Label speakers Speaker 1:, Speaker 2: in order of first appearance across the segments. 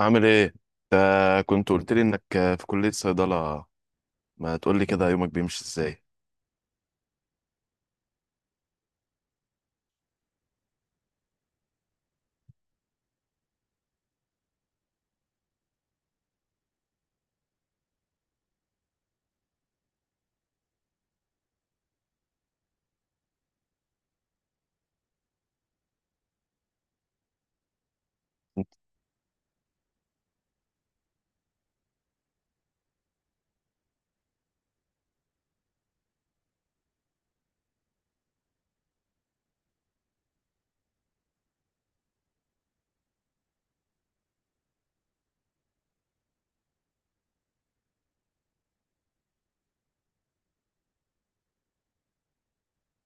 Speaker 1: عامل ايه انت؟ كنت قلت لي انك في كلية صيدلة. ما تقول لي كده، يومك بيمشي ازاي؟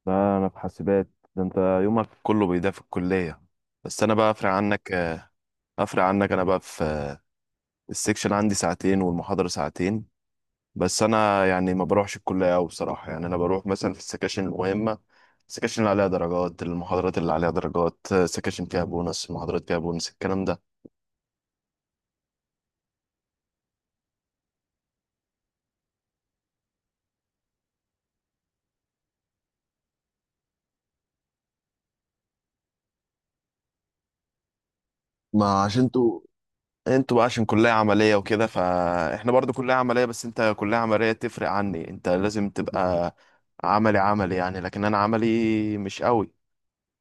Speaker 1: لا، انا في حاسبات. ده انت يومك كله بيضيع في الكلية. بس انا بقى افرق عنك، انا بقى في السكشن. عندي ساعتين والمحاضرة ساعتين. بس انا يعني ما بروحش الكلية قوي بصراحة، يعني انا بروح مثلا في السكاشن المهمة، السكاشن اللي عليها درجات، المحاضرات اللي عليها درجات، السكاشن فيها بونص، المحاضرات فيها بونص، الكلام ده. ما عشان انتوا بقى عشان كلية عملية وكده، فاحنا برضو كلية عملية. بس انت كلية عملية تفرق عني، انت لازم تبقى عملي عملي يعني، لكن انا عملي مش قوي،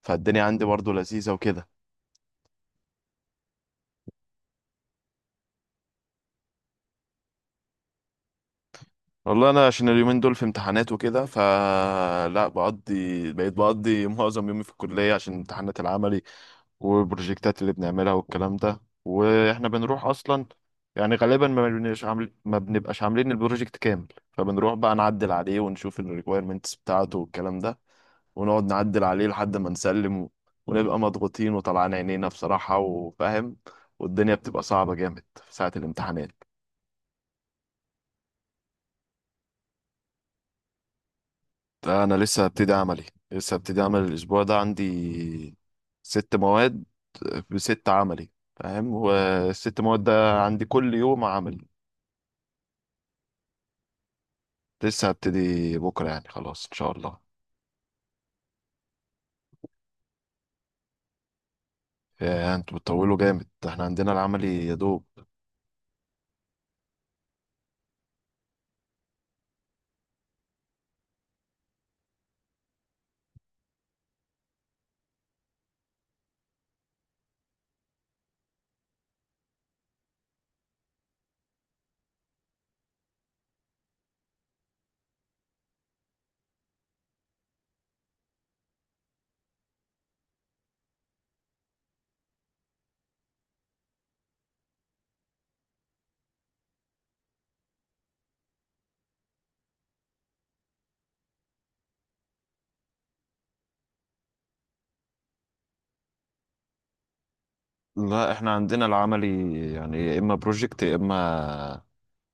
Speaker 1: فالدنيا عندي برضو لذيذة وكده. والله انا عشان اليومين دول في امتحانات وكده، فلا بقيت بقضي معظم يومي في الكلية عشان امتحانات العملي والبروجكتات اللي بنعملها والكلام ده. واحنا بنروح اصلا يعني غالبا ما بنبقاش عاملين البروجكت كامل، فبنروح بقى نعدل عليه ونشوف الريكويرمنتس بتاعته والكلام ده، ونقعد نعدل عليه لحد ما نسلم ونبقى مضغوطين وطلعان عينينا بصراحة وفاهم، والدنيا بتبقى صعبة جامد في ساعة الامتحانات. ده أنا لسه هبتدي عملي. لسه هبتدي عمل الأسبوع ده، عندي ست مواد، بست عملي. فاهم، والست مواد ده عندي كل يوم عملي. لسه هبتدي بكرة يعني، خلاص إن شاء الله. يا انتوا بتطولوا جامد، ده احنا عندنا العملي يا دوب. لا احنا عندنا العملي يعني يا اما بروجكت، يا اما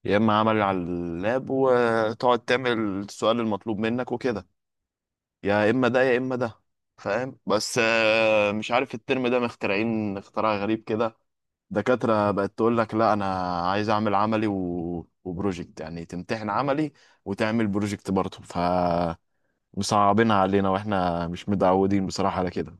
Speaker 1: يا اما عمل على اللاب وتقعد تعمل السؤال المطلوب منك وكده، يا اما ده يا اما ده. فاهم، بس مش عارف الترم ده مخترعين اختراع غريب كده. دكاترة بقت تقول لك لا، انا عايز اعمل عملي و... وبروجكت، يعني تمتحن عملي وتعمل بروجكت برضه. فمصعبينها علينا واحنا مش متعودين بصراحة على كده.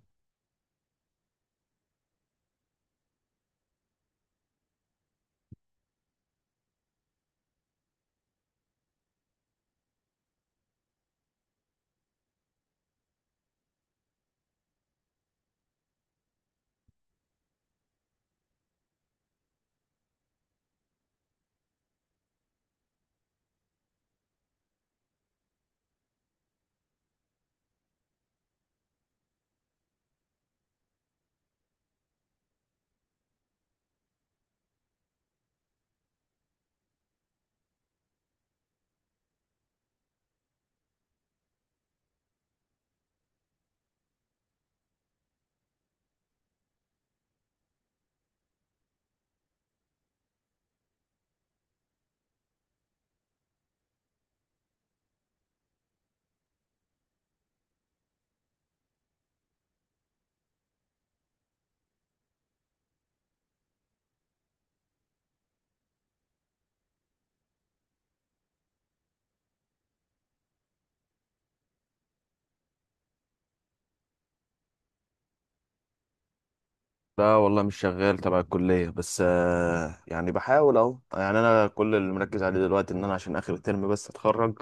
Speaker 1: لا والله مش شغال تبع الكلية، بس يعني بحاول اهو. يعني انا كل اللي مركز عليه دلوقتي ان انا عشان اخر الترم بس اتخرج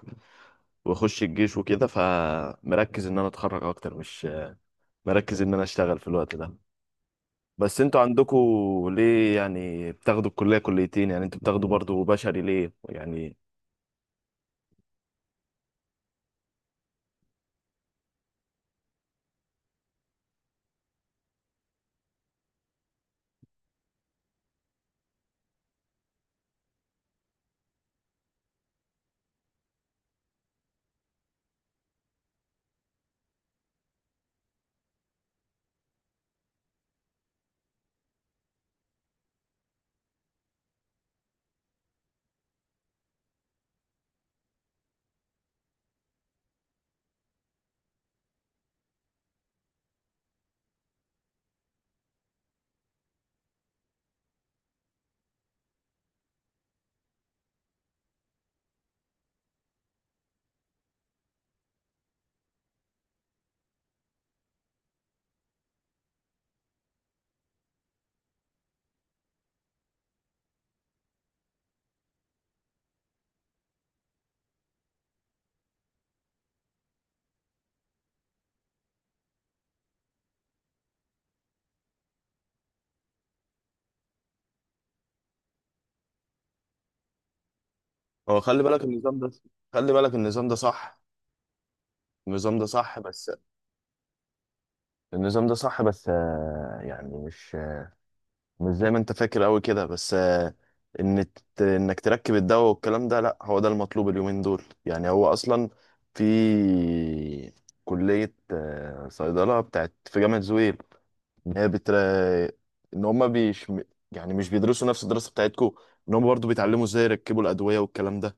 Speaker 1: واخش الجيش وكده، فمركز ان انا اتخرج اكتر، مش مركز ان انا اشتغل في الوقت ده. بس انتوا عندكوا ليه يعني بتاخدوا الكلية كليتين؟ يعني انتوا بتاخدوا برضو بشري ليه يعني؟ هو خلي بالك النظام ده، خلي بالك النظام ده صح، النظام ده صح بس، النظام ده صح، بس يعني مش زي ما انت فاكر قوي كده، بس ان انك تركب الدواء والكلام ده، لا هو ده المطلوب اليومين دول يعني. هو اصلا في كلية صيدلة بتاعت في جامعة زويل، ان هي بتر... ان هما بيش يعني مش بيدرسوا نفس الدراسة بتاعتكم، ان هما برضو بيتعلموا ازاي يركبوا الأدوية والكلام ده.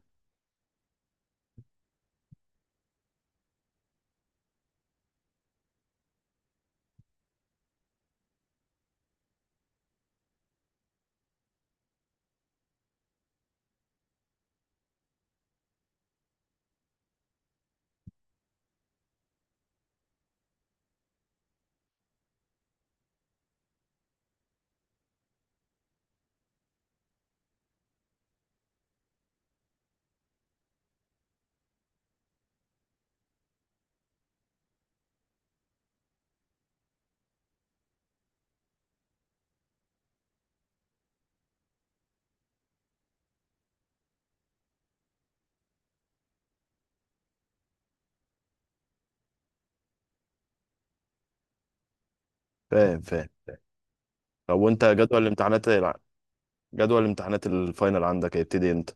Speaker 1: فاهم، فاهم. طب وانت جدول الامتحانات الفاينل عندك هيبتدي امتى؟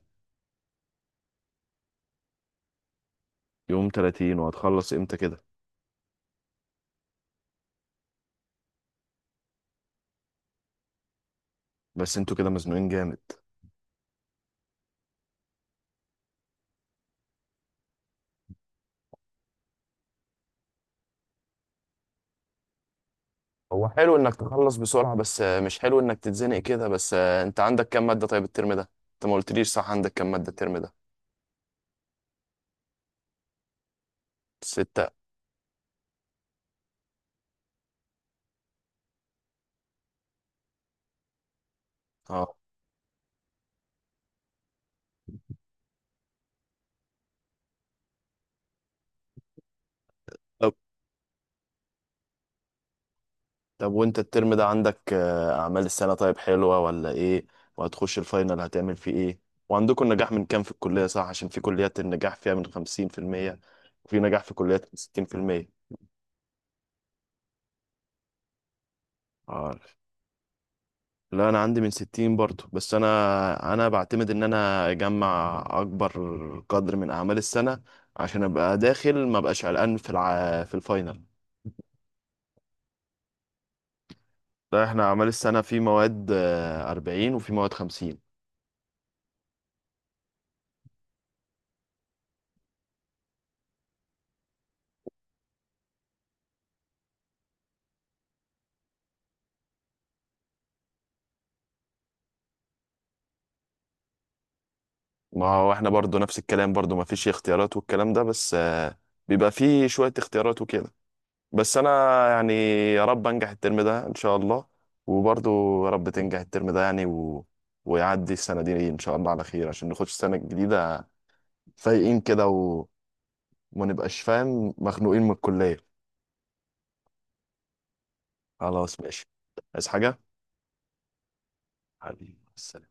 Speaker 1: يوم 30. وهتخلص امتى كده؟ بس انتوا كده مزنوقين جامد. هو حلو انك تخلص بسرعة، بس مش حلو انك تتزنق كده، بس انت عندك كام مادة؟ طيب الترم ده انت ما قلتليش صح، عندك كام مادة الترم ده؟ ستة. اه، طب طب وانت الترم ده عندك اعمال السنة طيب حلوة ولا ايه؟ وهتخش الفاينل هتعمل فيه ايه؟ وعندكم نجاح من كام في الكلية؟ صح، عشان في كليات النجاح فيها من 50%، وفي نجاح في كليات من 60%. اه، لا انا عندي من 60 برضه، بس انا بعتمد ان انا اجمع اكبر قدر من اعمال السنه عشان ابقى داخل، ما بقاش قلقان في الفاينل. لا احنا اعمال السنه في مواد 40 وفي مواد 50. ما هو احنا برضه نفس الكلام، برضه ما فيش اختيارات والكلام ده، بس بيبقى فيه شويه اختيارات وكده. بس انا يعني، يا رب انجح الترم ده ان شاء الله، وبرضه يا رب تنجح الترم ده يعني ويعدي السنه دي ان شاء الله على خير عشان نخش السنه الجديده فايقين كده، وما نبقاش فاهم مخنوقين من الكلية. خلاص ماشي. عايز حاجة؟ حبيبي السلام.